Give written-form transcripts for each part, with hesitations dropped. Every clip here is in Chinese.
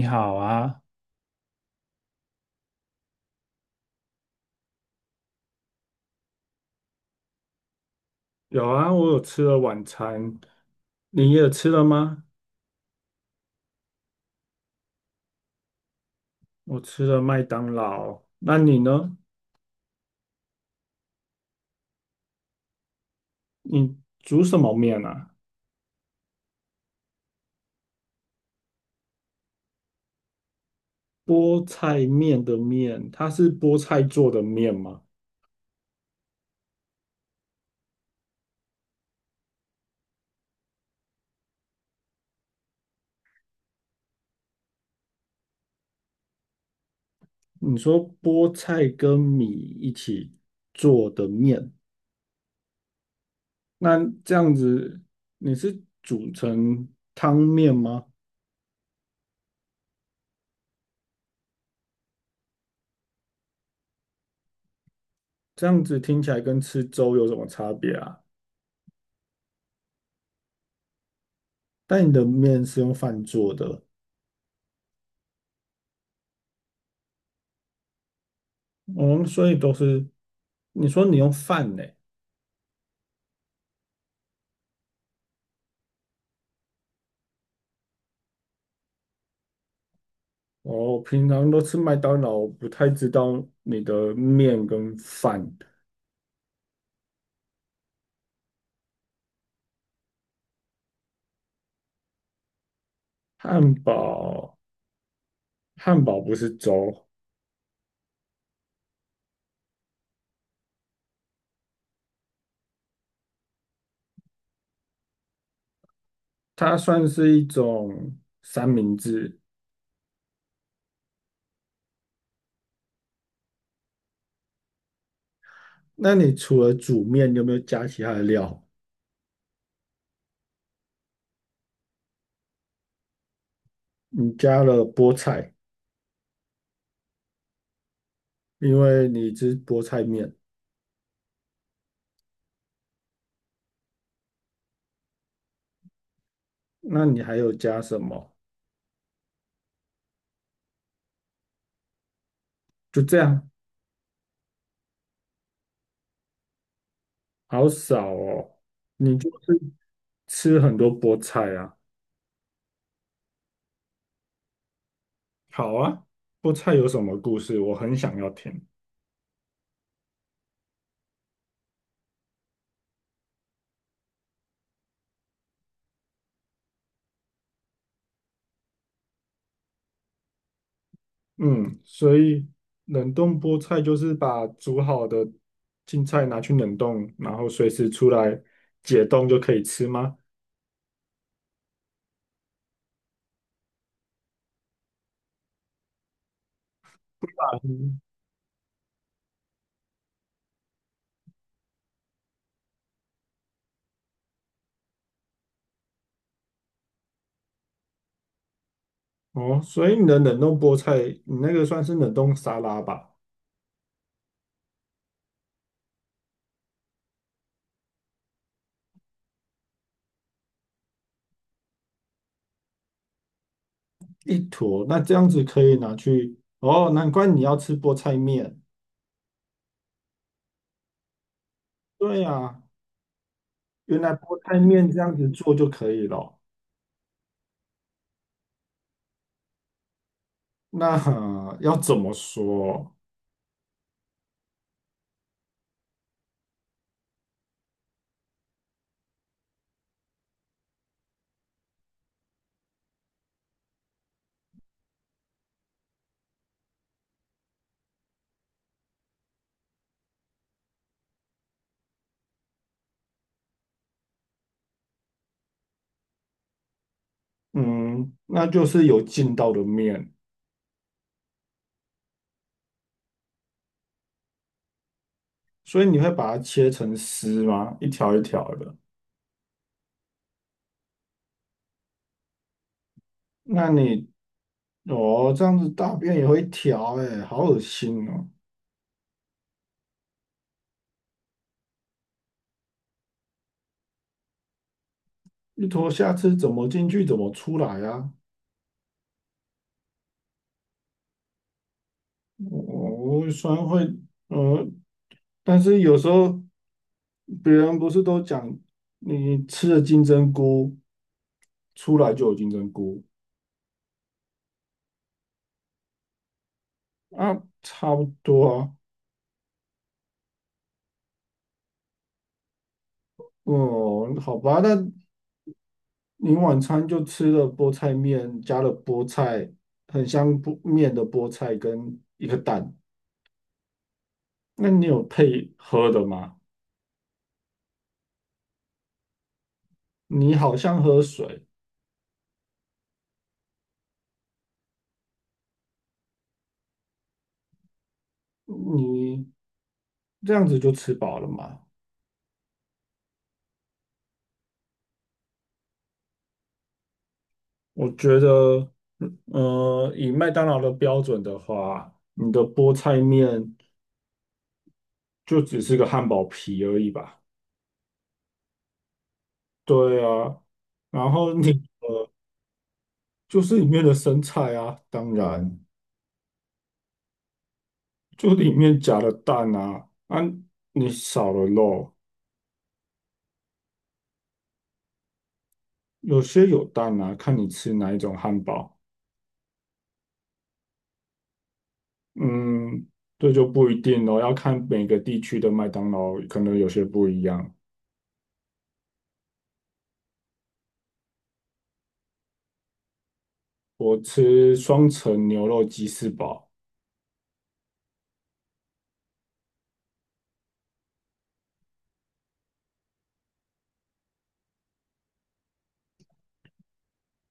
你好啊，有啊，我有吃了晚餐，你也吃了吗？我吃了麦当劳，那你呢？你煮什么面啊？菠菜面的面，它是菠菜做的面吗？你说菠菜跟米一起做的面，那这样子你是煮成汤面吗？这样子听起来跟吃粥有什么差别啊？但你的面是用饭做的。哦，所以都是你说你用饭呢？哦，平常都吃麦当劳，我不太知道你的面跟饭。汉堡，汉堡不是粥，它算是一种三明治。那你除了煮面，你有没有加其他的料？你加了菠菜，因为你吃菠菜面。那你还有加什么？就这样，好少哦。你就是吃很多菠菜啊。好啊，菠菜有什么故事？我很想要听。嗯，所以冷冻菠菜就是把煮好的青菜拿去冷冻，然后随时出来解冻就可以吃吗？嗯哦，所以你的冷冻菠菜，你那个算是冷冻沙拉吧？一坨，那这样子可以拿去。哦，难怪你要吃菠菜面。对啊，原来菠菜面这样子做就可以了。那要怎么说？嗯，那就是有劲道的面，所以你会把它切成丝吗？一条一条的。那你哦，这样子大便也会条哎、好恶心哦！一坨下次怎么进去，怎么出来啊？我虽然会，呃，但是有时候别人不是都讲，你吃了金针菇出来就有金针菇啊，差不多啊。哦，好吧，那你晚餐就吃了菠菜面，加了菠菜，很香菠面的菠菜跟一个蛋。那你有配喝的吗？你好像喝水，你这样子就吃饱了吗？我觉得，以麦当劳的标准的话，你的菠菜面就只是个汉堡皮而已吧？对啊，然后你 就是里面的生菜啊，当然。就里面夹了蛋啊，啊，你少了肉，有些有蛋啊，看你吃哪一种汉堡。嗯，这就不一定咯，要看每个地区的麦当劳可能有些不一样。我吃双层牛肉鸡翅堡，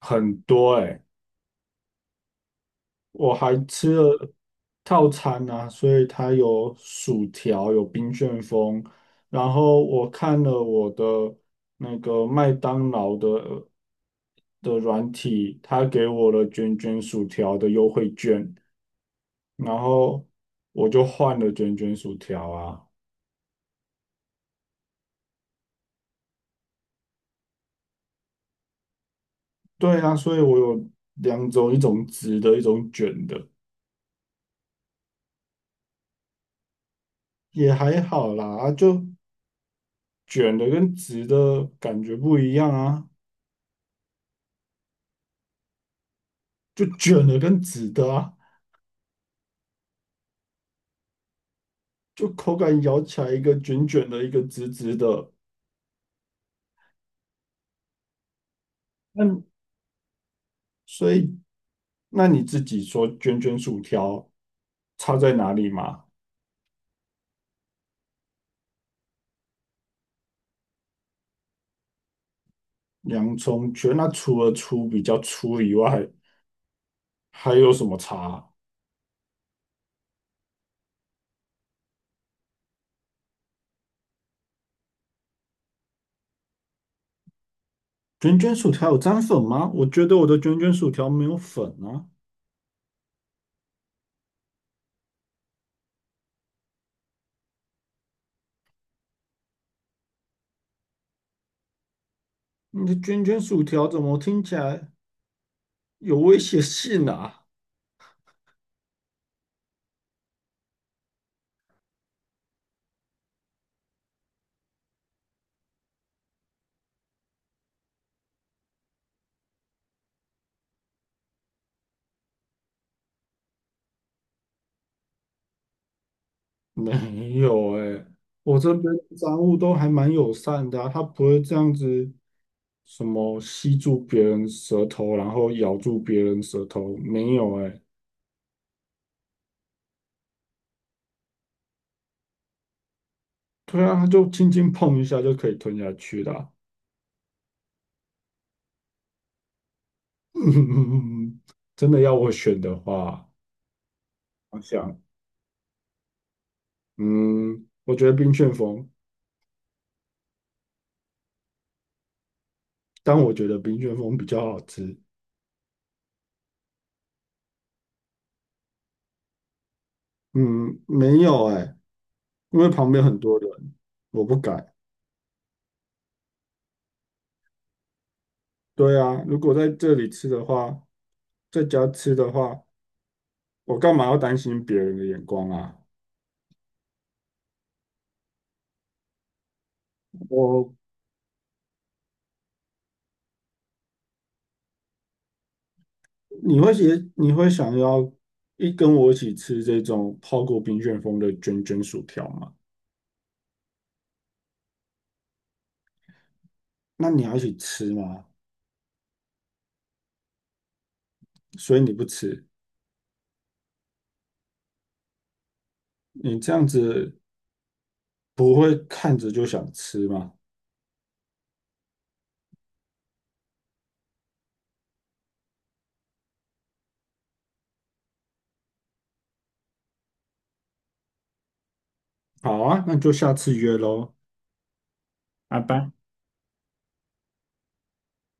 很多诶、我还吃了套餐啊，所以它有薯条，有冰旋风，然后我看了我的那个麦当劳的软体，它给我了卷卷薯条的优惠券，然后我就换了卷卷薯条啊。对啊，所以我有两种，一种直的，一种卷的，也还好啦，啊就卷的跟直的感觉不一样啊，就卷的跟直的啊。就口感咬起来一个卷卷的，一个直直的。那所以，那你自己说卷卷薯条差在哪里嘛？洋葱卷，那除了粗比较粗以外，还有什么差啊卷卷薯条有沾粉吗？我觉得我的卷卷薯条没有粉啊。你的卷卷薯条怎么听起来有威胁性啊？没有哎、我这边商务都还蛮友善的啊，他不会这样子什么吸住别人舌头，然后咬住别人舌头，没有哎、对啊，他就轻轻碰一下就可以吞下去啦。真的要我选的话，我想，嗯，我觉得冰旋风，但我觉得冰旋风比较好吃。嗯，没有哎、因为旁边很多人，我不敢。对啊，如果在这里吃的话，在家吃的话，我干嘛要担心别人的眼光啊？我。你会想要跟我一起吃这种泡过冰旋风的卷卷薯条吗？那你要一起吃吗？所以你不吃，你这样子不会看着就想吃吗？好啊，那就下次约喽，拜拜。